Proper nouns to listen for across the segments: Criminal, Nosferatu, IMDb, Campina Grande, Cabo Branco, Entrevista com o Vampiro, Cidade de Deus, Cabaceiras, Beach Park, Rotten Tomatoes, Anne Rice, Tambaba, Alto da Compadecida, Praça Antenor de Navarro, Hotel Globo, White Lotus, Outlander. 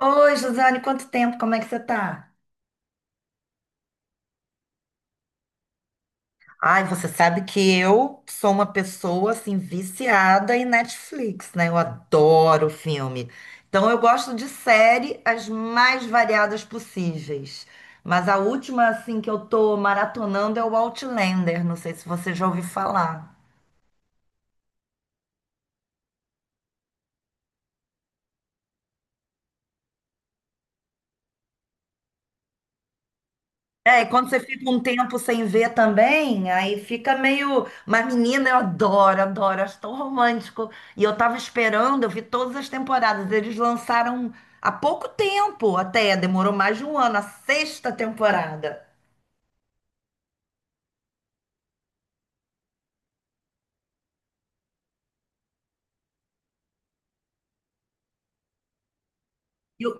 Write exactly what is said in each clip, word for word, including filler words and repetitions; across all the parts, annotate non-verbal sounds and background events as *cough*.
Oi, Josiane, quanto tempo? Como é que você tá? Ai, você sabe que eu sou uma pessoa assim viciada em Netflix, né? Eu adoro filme. Então eu gosto de série as mais variadas possíveis. Mas a última assim que eu tô maratonando é o Outlander, não sei se você já ouviu falar. É, e quando você fica um tempo sem ver também, aí fica meio. Mas, menina, eu adoro, adoro, acho tão romântico. E eu tava esperando, eu vi todas as temporadas. Eles lançaram há pouco tempo até, demorou mais de um ano, a sexta temporada. E o,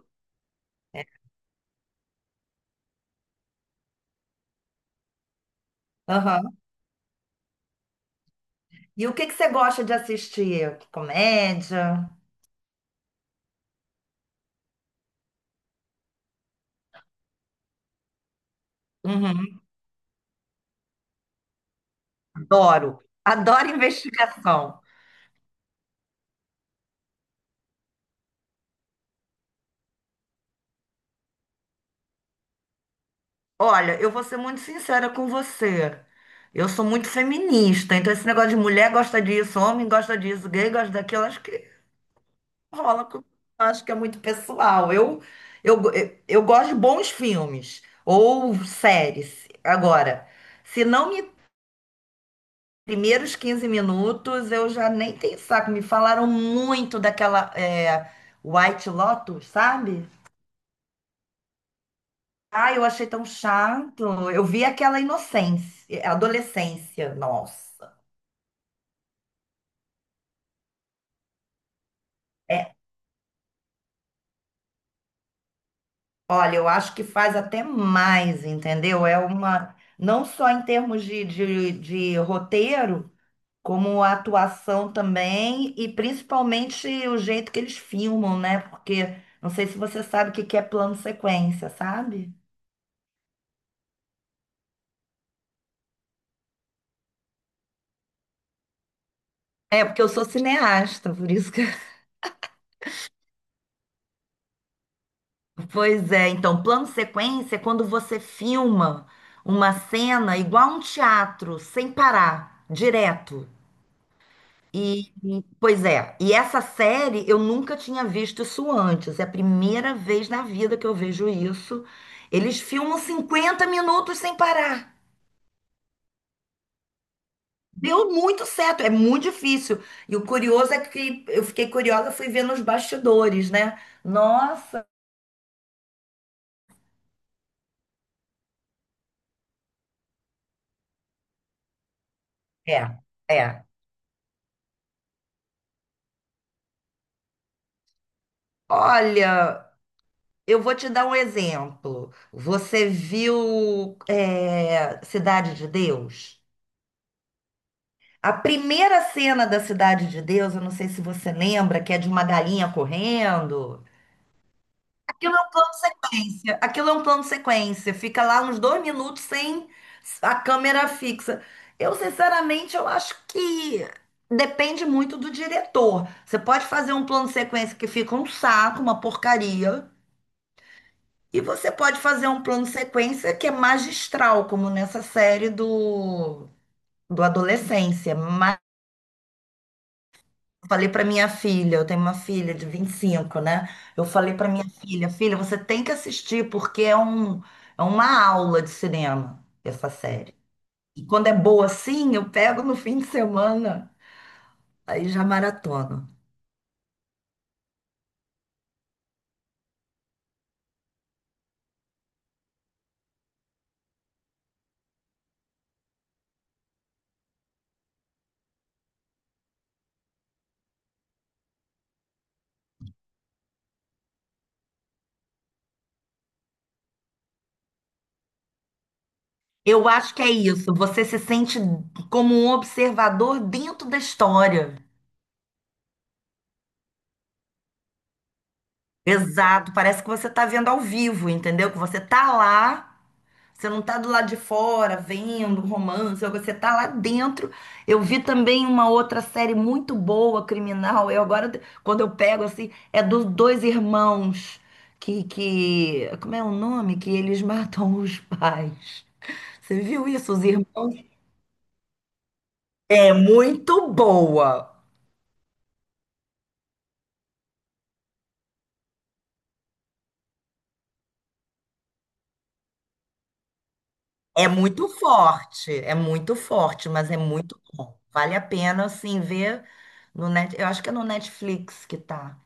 aham. E o que que você gosta de assistir? Comédia? Uhum, adoro. Adoro investigação. Olha, eu vou ser muito sincera com você. Eu sou muito feminista, então esse negócio de mulher gosta disso, homem gosta disso, gay gosta daquilo, acho que rola com... Acho que é muito pessoal. Eu, eu, eu gosto de bons filmes ou séries. Agora, se não me primeiros quinze minutos, eu já nem tenho saco. Me falaram muito daquela é, White Lotus, sabe? Ah, eu achei tão chato. Eu vi aquela inocência, adolescência, nossa. É, olha, eu acho que faz até mais, entendeu? É uma, não só em termos de, de, de roteiro, como a atuação também, e principalmente o jeito que eles filmam, né? Porque não sei se você sabe o que que é plano sequência, sabe? É, porque eu sou cineasta, por isso que. *laughs* Pois é, então, plano sequência é quando você filma uma cena igual a um teatro, sem parar, direto. E, e- pois é, e essa série eu nunca tinha visto isso antes. É a primeira vez na vida que eu vejo isso. Eles filmam cinquenta minutos sem parar. Deu muito certo, é muito difícil. E o curioso é que eu fiquei curiosa, fui ver nos bastidores, né? Nossa, é, é. Olha, eu vou te dar um exemplo. Você viu, é, Cidade de Deus? A primeira cena da Cidade de Deus, eu não sei se você lembra, que é de uma galinha correndo. Aquilo é um plano sequência. Aquilo é um plano sequência. Fica lá uns dois minutos sem a câmera fixa. Eu, sinceramente, eu acho que depende muito do diretor. Você pode fazer um plano sequência que fica um saco, uma porcaria. E você pode fazer um plano sequência que é magistral, como nessa série do, do Adolescência. Falei para minha filha, eu tenho uma filha de vinte e cinco, né? Eu falei para minha filha, filha, você tem que assistir porque é um, é uma aula de cinema essa série. E quando é boa assim, eu pego no fim de semana, aí já maratona. Eu acho que é isso, você se sente como um observador dentro da história. Exato, parece que você está vendo ao vivo, entendeu? Que você tá lá. Você não tá do lado de fora vendo um romance, você tá lá dentro. Eu vi também uma outra série muito boa, criminal. Eu agora, quando eu pego assim, é dos dois irmãos que, que, como é o nome? Que eles *laughs* matam os pais. Você viu isso, os irmãos? É muito boa. É muito forte, é muito forte, mas é muito bom. Vale a pena, assim, ver no net... Eu acho que é no Netflix que tá.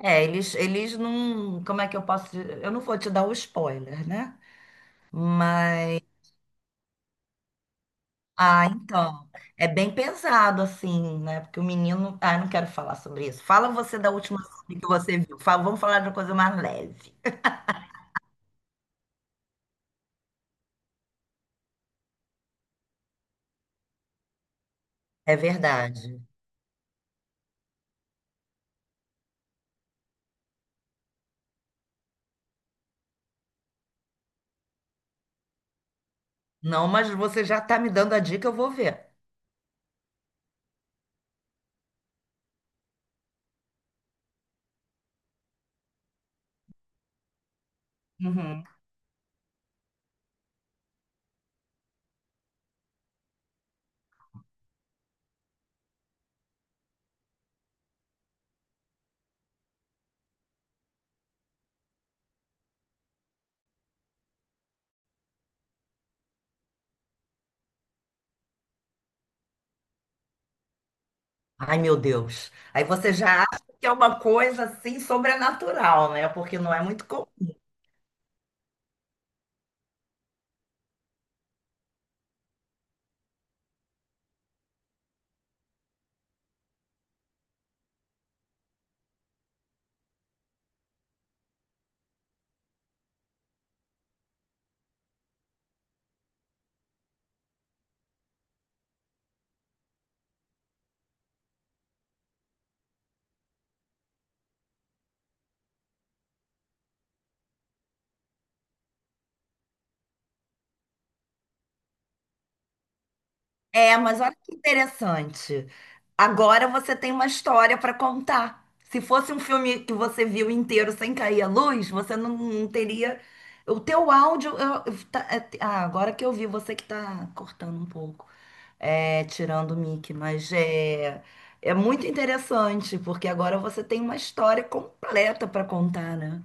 É, eles, eles não. Como é que eu posso. Dizer? Eu não vou te dar o spoiler, né? Mas. Ah, então. É bem pesado, assim, né? Porque o menino. Ah, eu não quero falar sobre isso. Fala você da última série que você viu. Fala- vamos falar de uma coisa mais leve. É verdade. Não, mas você já tá me dando a dica, eu vou ver. Uhum. Ai, meu Deus. Aí você já acha que é uma coisa, assim, sobrenatural, né? Porque não é muito comum. É, mas olha que interessante. Agora você tem uma história para contar. Se fosse um filme que você viu inteiro sem cair a luz, você não, não teria. O teu áudio. Eu- eu- tá- é- ah, agora que eu vi, você que está cortando um pouco, é, tirando o mic, mas é, é muito interessante, porque agora você tem uma história completa para contar, né?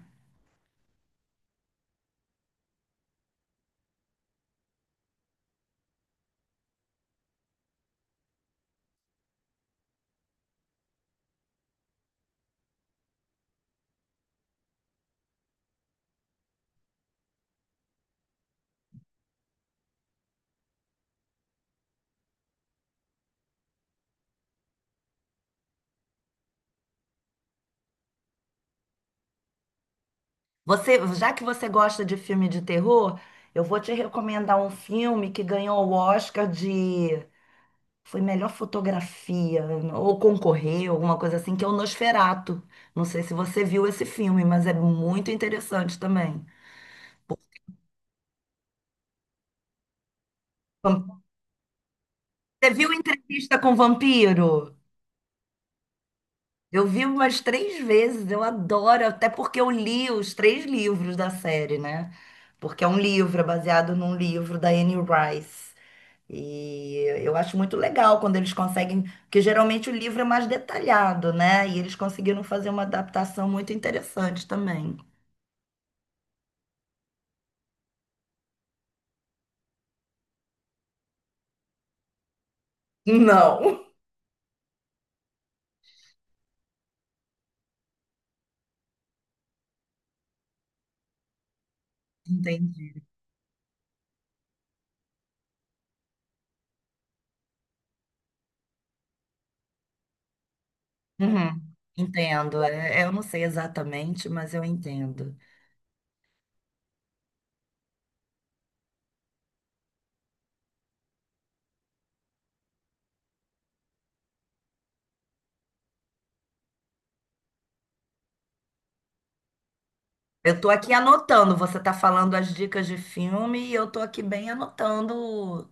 Você, já que você gosta de filme de terror, eu vou te recomendar um filme que ganhou o Oscar de foi melhor fotografia, ou concorreu, alguma coisa assim, que é o Nosferatu. Não sei se você viu esse filme, mas é muito interessante também. Você viu Entrevista com o Vampiro? Eu vi umas três vezes, eu adoro, até porque eu li os três livros da série, né? Porque é um livro, é baseado num livro da Anne Rice. E eu acho muito legal quando eles conseguem, porque geralmente o livro é mais detalhado, né? E eles conseguiram fazer uma adaptação muito interessante também. Não. Entendi. Uhum. Entendo. É, eu não sei exatamente, mas eu entendo. Eu tô aqui anotando. Você tá falando as dicas de filme e eu tô aqui bem anotando,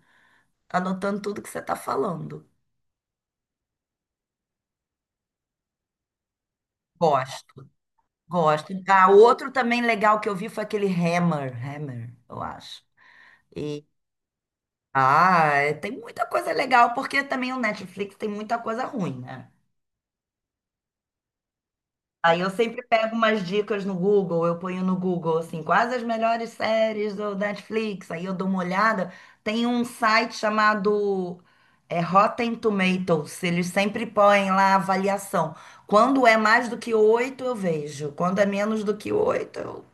anotando tudo que você tá falando. Gosto, gosto. Ah, outro também legal que eu vi foi aquele Hammer, Hammer, eu acho. E ah, é, Tem muita coisa legal porque também o Netflix tem muita coisa ruim, né? Aí eu sempre pego umas dicas no Google, eu ponho no Google, assim, quais as melhores séries do Netflix, aí eu dou uma olhada. Tem um site chamado é, Rotten Tomatoes, eles sempre põem lá a avaliação. Quando é mais do que oito, eu vejo. Quando é menos do que oito, eu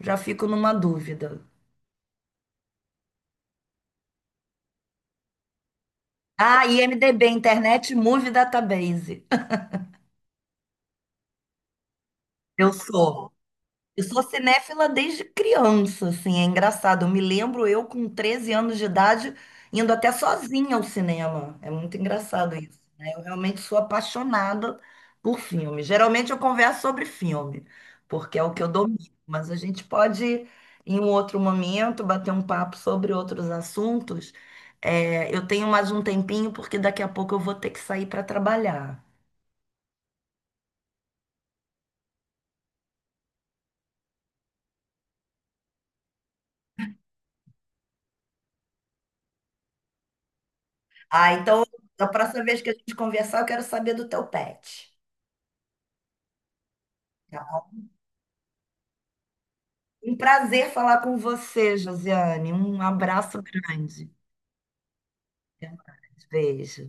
já fico numa dúvida. Ah, I M D B, Internet Movie Database. Eu sou. Eu sou cinéfila desde criança, assim, é engraçado. Eu me lembro eu com treze anos de idade indo até sozinha ao cinema. É muito engraçado isso, né? Eu realmente sou apaixonada por filme. Geralmente eu converso sobre filme, porque é o que eu domino, mas a gente pode, em um outro momento, bater um papo sobre outros assuntos. É, eu tenho mais um tempinho, porque daqui a pouco eu vou ter que sair para trabalhar. Ah, então, da próxima vez que a gente conversar, eu quero saber do teu pet. Um prazer falar com você, Josiane. Um abraço grande. Até mais. Beijo.